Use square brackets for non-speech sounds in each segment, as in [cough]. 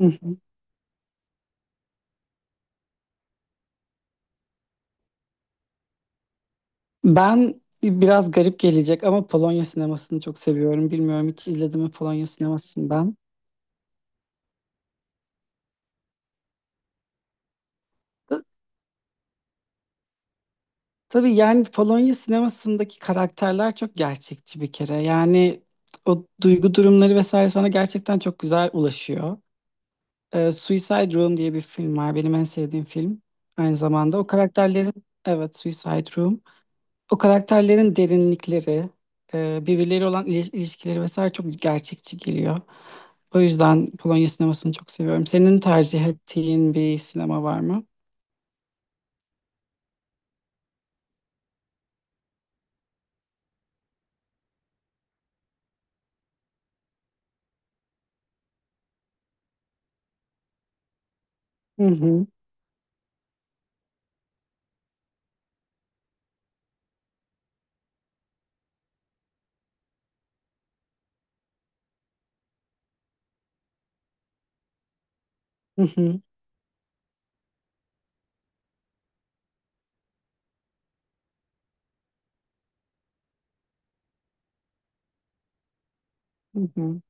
Hı hı. Ben biraz garip gelecek ama Polonya sinemasını çok seviyorum. Bilmiyorum hiç izledim mi Polonya sinemasından. Ta- Tabii, yani Polonya sinemasındaki karakterler çok gerçekçi bir kere. Yani o duygu durumları vesaire sana gerçekten çok güzel ulaşıyor. Suicide Room diye bir film var. Benim en sevdiğim film. Aynı zamanda o karakterlerin, evet, Suicide Room. O karakterlerin derinlikleri, birbirleriyle olan ilişkileri vesaire çok gerçekçi geliyor. O yüzden Polonya sinemasını çok seviyorum. Senin tercih ettiğin bir sinema var mı? Hı hı, hı hı, hı hı,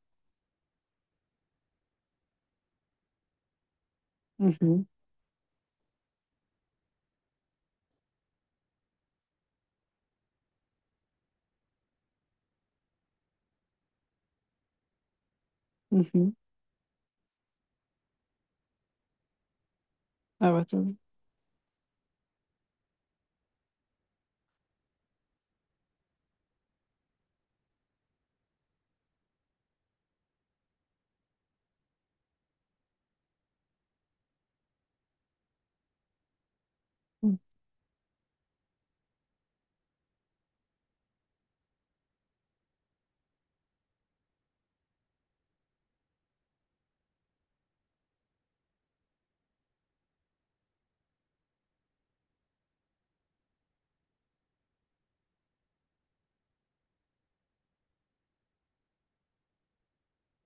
hı hı, hı hı. Evet, evet.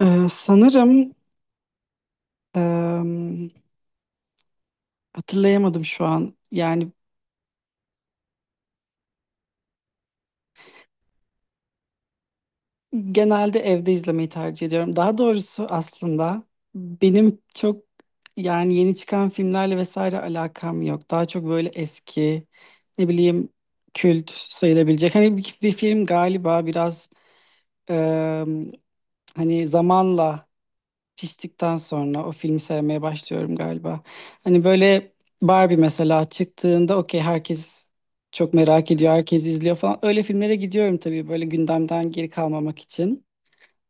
Sanırım, em, hatırlayamadım şu an. Yani genelde evde izlemeyi tercih ediyorum. Daha doğrusu aslında benim çok, yani, yeni çıkan filmlerle vesaire alakam yok. Daha çok böyle eski, ne bileyim, kült sayılabilecek. Hani bir film galiba biraz, eee, hani zamanla piştikten sonra o filmi sevmeye başlıyorum galiba. Hani böyle Barbie mesela çıktığında, okey, herkes çok merak ediyor, herkes izliyor falan. Öyle filmlere gidiyorum tabii böyle gündemden geri kalmamak için.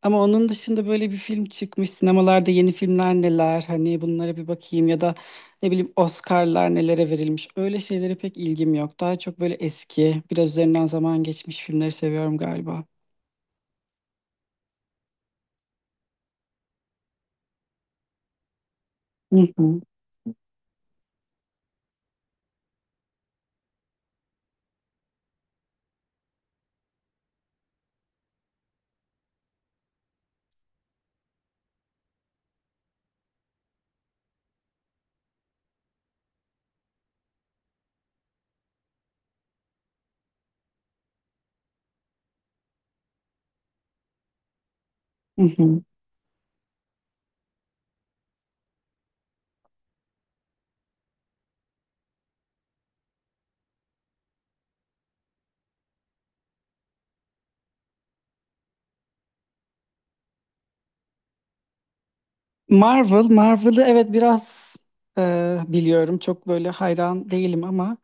Ama onun dışında böyle bir film çıkmış. Sinemalarda yeni filmler neler? Hani bunlara bir bakayım ya da ne bileyim Oscar'lar nelere verilmiş. Öyle şeylere pek ilgim yok. Daha çok böyle eski, biraz üzerinden zaman geçmiş filmleri seviyorum galiba. Hı hı, hı hı. Marvel'ı evet biraz biliyorum. Çok böyle hayran değilim ama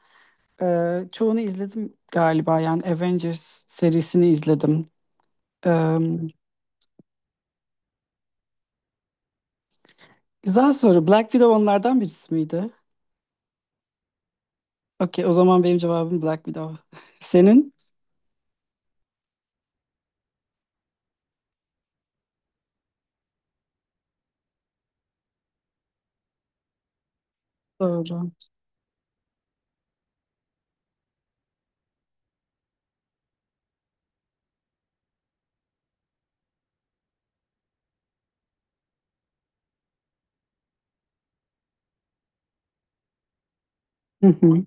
e, çoğunu izledim galiba. Yani Avengers serisini izledim. E, güzel soru. Black Widow onlardan birisi miydi? Okey, o zaman benim cevabım Black Widow. [laughs] Senin? Doğru. Hı hı,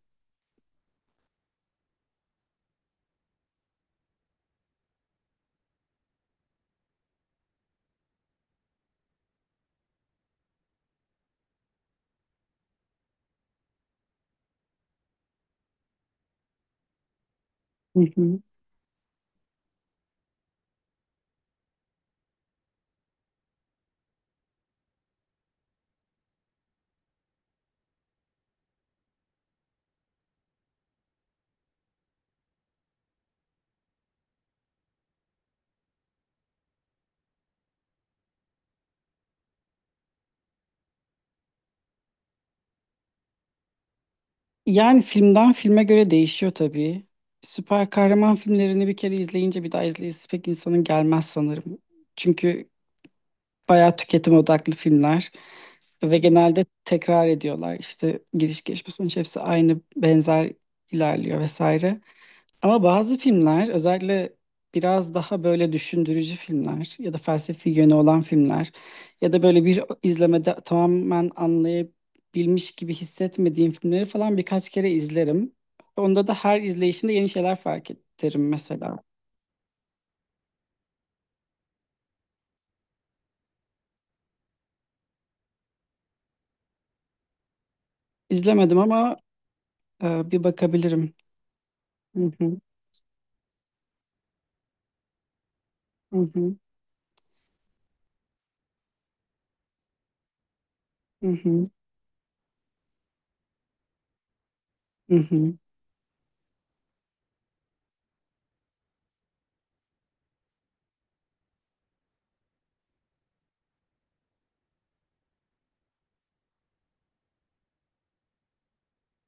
hı hı. Yani filmden filme göre değişiyor tabii. Süper kahraman filmlerini bir kere izleyince bir daha izleyesi pek insanın gelmez sanırım. Çünkü bayağı tüketim odaklı filmler ve genelde tekrar ediyorlar. İşte giriş gelişme sonuç hepsi aynı, benzer ilerliyor vesaire. Ama bazı filmler, özellikle biraz daha böyle düşündürücü filmler ya da felsefi yönü olan filmler ya da böyle bir izlemede tamamen anlayabilmiş gibi hissetmediğim filmleri falan birkaç kere izlerim. Onda da her izleyişinde yeni şeyler fark ederim mesela. İzlemedim ama bir bakabilirim. Hı hı, hı hı, hı hı, hı hı,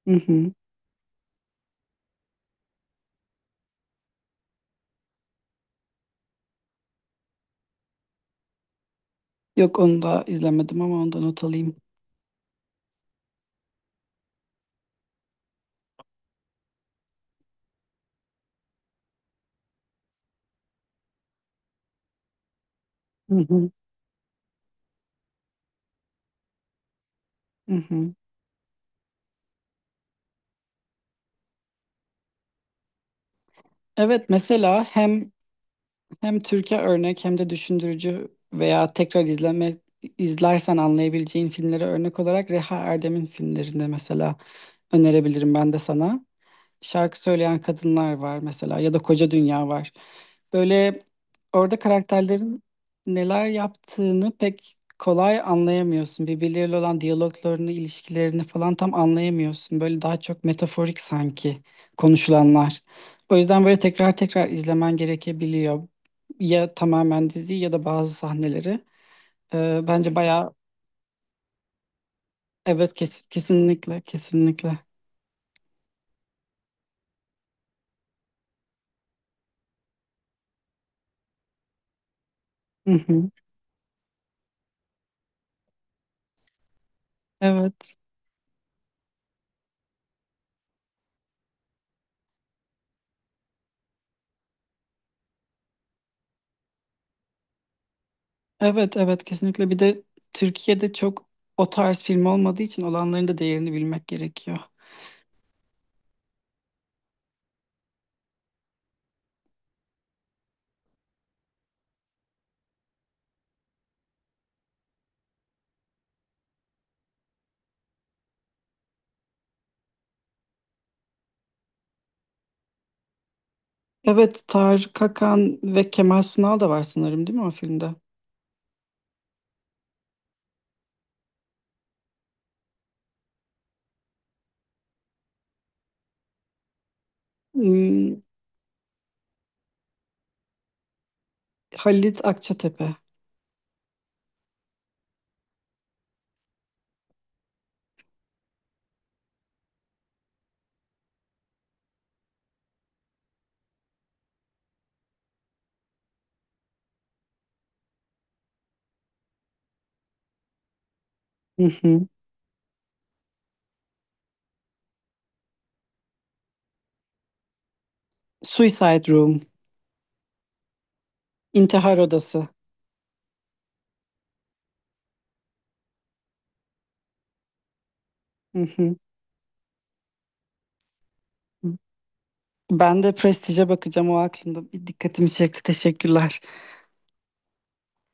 hı hı. Yok, onu da izlemedim ama ondan not alayım. Hı hı, hı hı. Evet, mesela hem Türkiye örnek hem de düşündürücü veya tekrar izleme, izlersen anlayabileceğin filmlere örnek olarak Reha Erdem'in filmlerinde mesela önerebilirim ben de sana. Şarkı Söyleyen Kadınlar var mesela ya da Koca Dünya var. Böyle orada karakterlerin neler yaptığını pek kolay anlayamıyorsun. Birbirleriyle olan diyaloglarını, ilişkilerini falan tam anlayamıyorsun. Böyle daha çok metaforik sanki konuşulanlar. O yüzden böyle tekrar tekrar izlemen gerekebiliyor. Ya tamamen diziyi ya da bazı sahneleri. Bence bayağı, evet, kesinlikle kesinlikle. Hı hı. Evet. Evet, evet, kesinlikle. Bir de Türkiye'de çok o tarz film olmadığı için olanların da değerini bilmek gerekiyor. Evet, Tarık Akan ve Kemal Sunal da var sanırım değil mi o filmde? Hmm, Halit Akçatepe. Hı hı. Suicide Room. İntihar Odası. Hı hı. Ben de Prestige'e bakacağım, o aklımda. Dikkatimi çekti, teşekkürler.